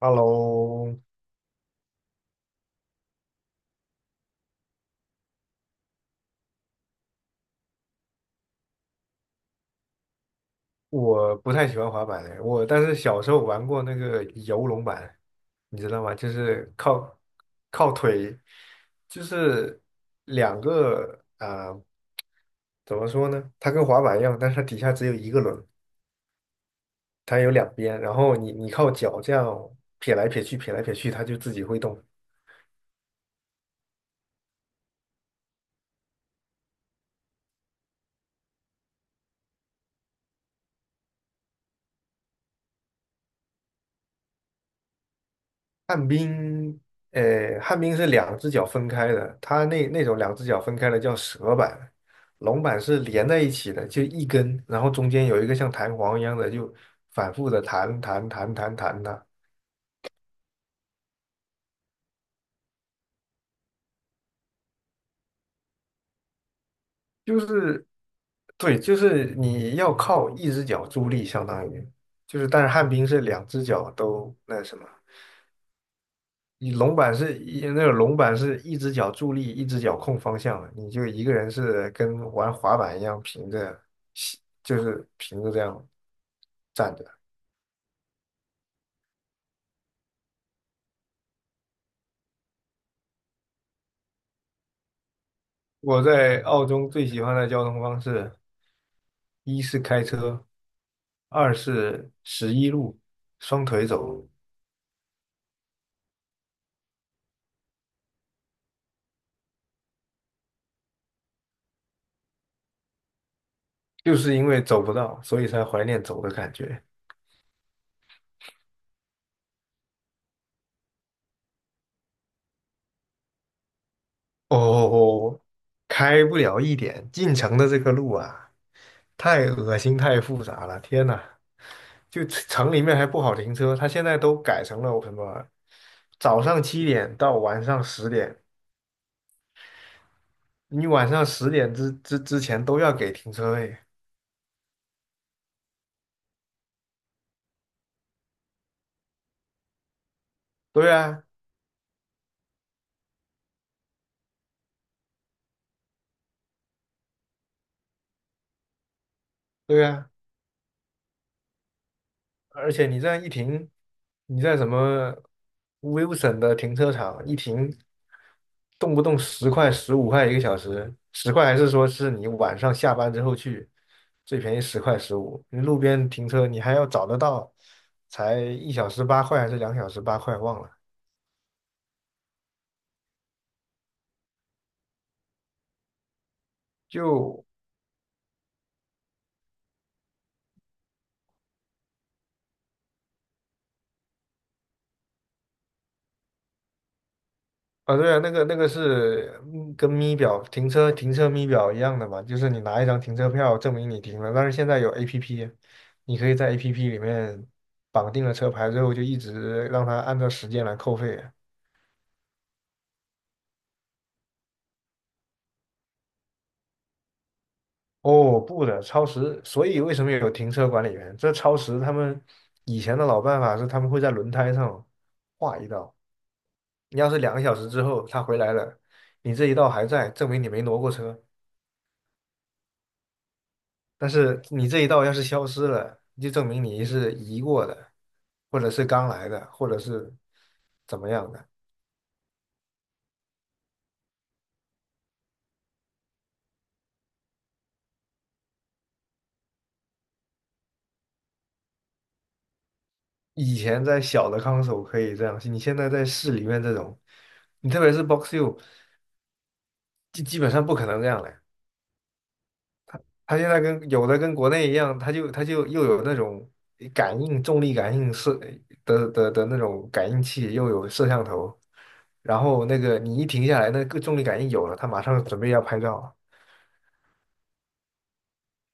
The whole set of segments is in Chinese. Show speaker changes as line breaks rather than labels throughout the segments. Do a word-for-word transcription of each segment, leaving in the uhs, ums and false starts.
Hello，我不太喜欢滑板的，我但是小时候玩过那个游龙板，你知道吗？就是靠靠腿，就是两个啊、呃怎么说呢？它跟滑板一样，但是它底下只有一个轮，它有两边，然后你你靠脚这样撇来撇去，撇来撇去，它就自己会动。旱冰，呃，旱冰是两只脚分开的，它那那种两只脚分开的叫蛇板，龙板是连在一起的，就一根，然后中间有一个像弹簧一样的，就反复的弹弹弹弹弹它，就是，对，就是你要靠一只脚助力，相当于，就是，但是旱冰是两只脚都那什么。你龙板是一那个龙板是一只脚助力，一只脚控方向，你就一个人是跟玩滑板一样平着，西就是平着这样站着。我在澳洲最喜欢的交通方式，一是开车，二是十一路，双腿走路，就是因为走不到，所以才怀念走的感觉。哦，开不了一点，进城的这个路啊，太恶心，太复杂了，天呐！就城里面还不好停车，它现在都改成了什么早上七点到晚上十点，你晚上十点之之之前都要给停车位。对啊，对啊，而且你这样一停，你在什么 Wilson 的停车场一停，动不动十块、十五块一个小时，十块，还是说是你晚上下班之后去，最便宜十块十五，你路边停车你还要找得到，才一小时八块还是两小时八块忘了。就啊，对啊，那个那个是嗯跟咪表停车停车咪表一样的嘛，就是你拿一张停车票证明你停了，但是现在有 A P P，你可以在 A P P 里面绑定了车牌之后，就一直让它按照时间来扣费。哦，不的，超时，所以为什么有停车管理员？这超时他们以前的老办法是他们会在轮胎上画一道，你要是两个小时之后他回来了，你这一道还在，证明你没挪过车。但是你这一道要是消失了，就证明你是移过的，或者是刚来的，或者是怎么样的。以前在小的康所可以这样，你现在在市里面这种，你特别是 Box U，基基本上不可能这样了。它现在跟有的跟国内一样，它就它就又有那种感应重力感应摄的的的那种感应器，又有摄像头，然后那个你一停下来，那个重力感应有了，他马上准备要拍照。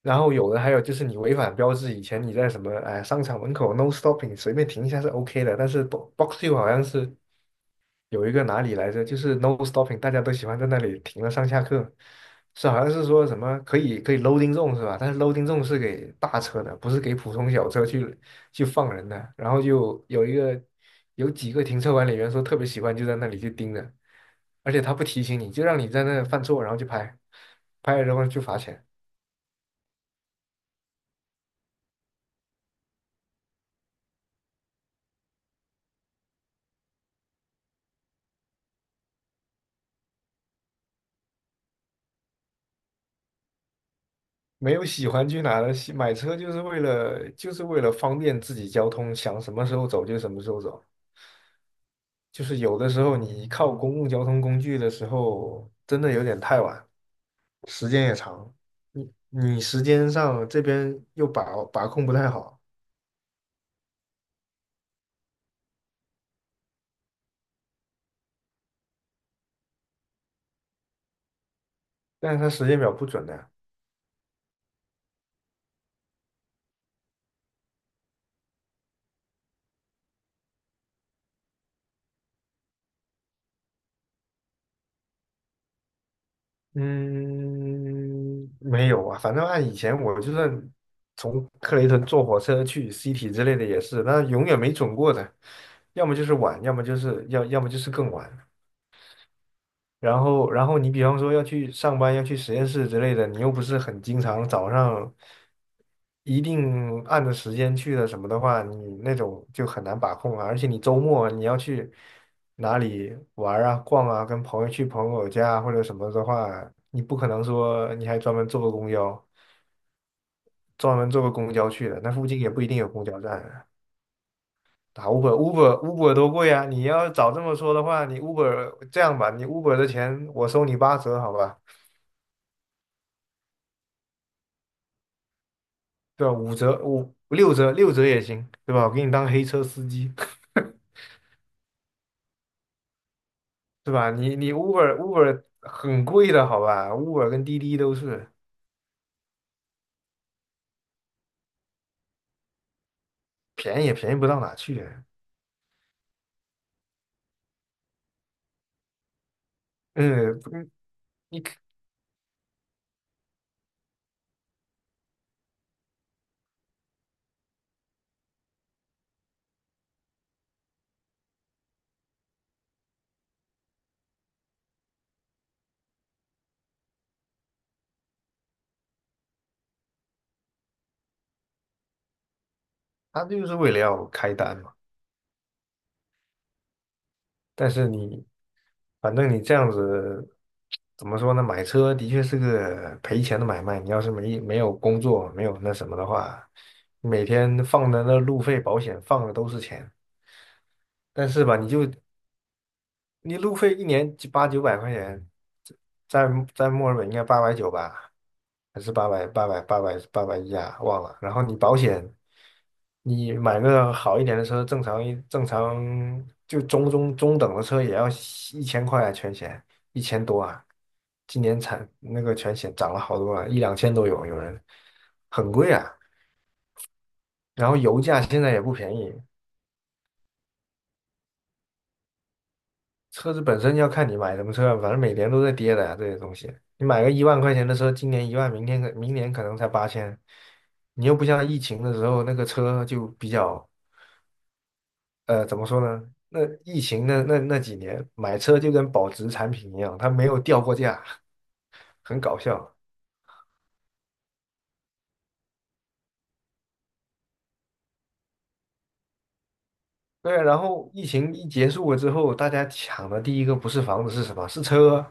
然后有的还有就是你违反标志，以前你在什么哎商场门口 no stopping 随便停一下是 OK 的，但是 bo- box two 好像是有一个哪里来着，就是 no stopping，大家都喜欢在那里停了上下课，是好像是说什么可以可以 loading zone 是吧？但是 loading zone 是给大车的，不是给普通小车去去放人的。然后就有一个有几个停车管理员说特别喜欢就在那里去盯着，而且他不提醒你，就让你在那犯错，然后就拍，拍了之后就罚钱。没有喜欢去哪的，喜买车就是为了就是为了方便自己交通，想什么时候走就什么时候走。就是有的时候你靠公共交通工具的时候，真的有点太晚，时间也长。你你时间上这边又把把控不太好，但是它时间表不准的。嗯，没有啊，反正按以前我就算从克雷顿坐火车去 City 之类的也是，那永远没准过的，要么就是晚，要么就是要要么就是更晚。然后，然后你比方说要去上班，要去实验室之类的，你又不是很经常早上一定按着时间去的什么的话，你那种就很难把控啊。而且你周末你要去哪里玩儿啊、逛啊，跟朋友去朋友家啊或者什么的话，你不可能说你还专门坐个公交，专门坐个公交去的，那附近也不一定有公交站。打 Uber，Uber，Uber 多贵啊！你要早这么说的话，你 Uber 这样吧，你 Uber 的钱我收你八折，好吧？对吧？五折、五六折、六折也行，对吧？我给你当黑车司机。对吧？你你 Uber Uber 很贵的，好吧？Uber 跟滴滴都是便宜也便宜不到哪去。嗯，嗯，你他就是为了要开单嘛。但是你反正你这样子，怎么说呢？买车的确是个赔钱的买卖。你要是没没有工作，没有那什么的话，每天放的那路费、保险放的都是钱。但是吧，你就你路费一年就八九百块钱，在在墨尔本应该八百九吧，还是八百八百八百八百一啊？忘了。然后你保险，你买个好一点的车，正常一正常就中中中等的车也要一千块啊，全险一千多啊。今年产那个全险涨了好多啊，一两千都有，有人很贵啊。然后油价现在也不便宜，车子本身要看你买什么车，反正每年都在跌的呀，这些东西。你买个一万块钱的车，今年一万，明天可明年可能才八千。你又不像疫情的时候，那个车就比较，呃，怎么说呢？那疫情那那那几年，买车就跟保值产品一样，它没有掉过价。很搞笑。对啊，然后疫情一结束了之后，大家抢的第一个不是房子是什么？是车。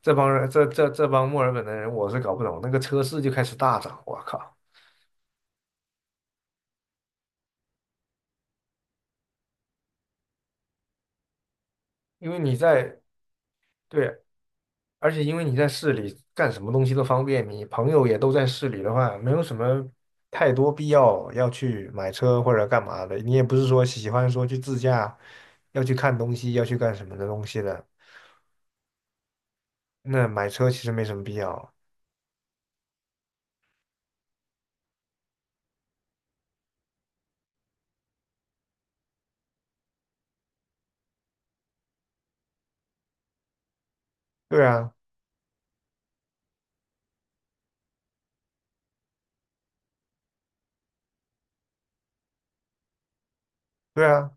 这帮人，这这这帮墨尔本的人，我是搞不懂，那个车市就开始大涨，我靠！因为你在。对，而且因为你在市里干什么东西都方便，你朋友也都在市里的话，没有什么太多必要要去买车或者干嘛的。你也不是说喜欢说去自驾，要去看东西，要去干什么的东西的。那买车其实没什么必要。对啊，对啊，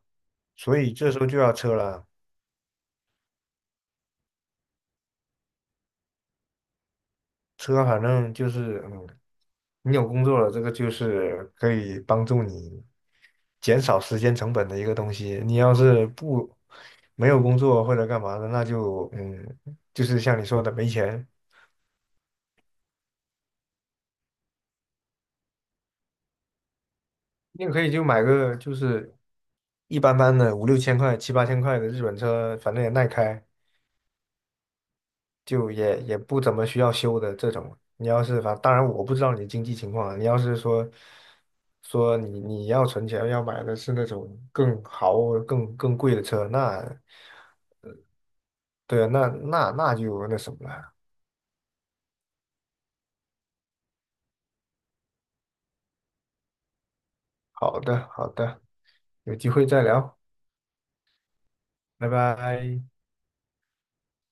所以这时候就要车了。车反正就是，嗯，你有工作了，这个就是可以帮助你减少时间成本的一个东西。你要是不没有工作或者干嘛的，那就嗯，就是像你说的没钱，你可以就买个就是一般般的五六千块、七八千块的日本车，反正也耐开。就也也不怎么需要修的这种。你要是反，当然我不知道你的经济情况啊，你要是说说你你要存钱要买的是那种更豪更更贵的车，那对啊，那那那就那什么了。好的，好的，有机会再聊，拜拜。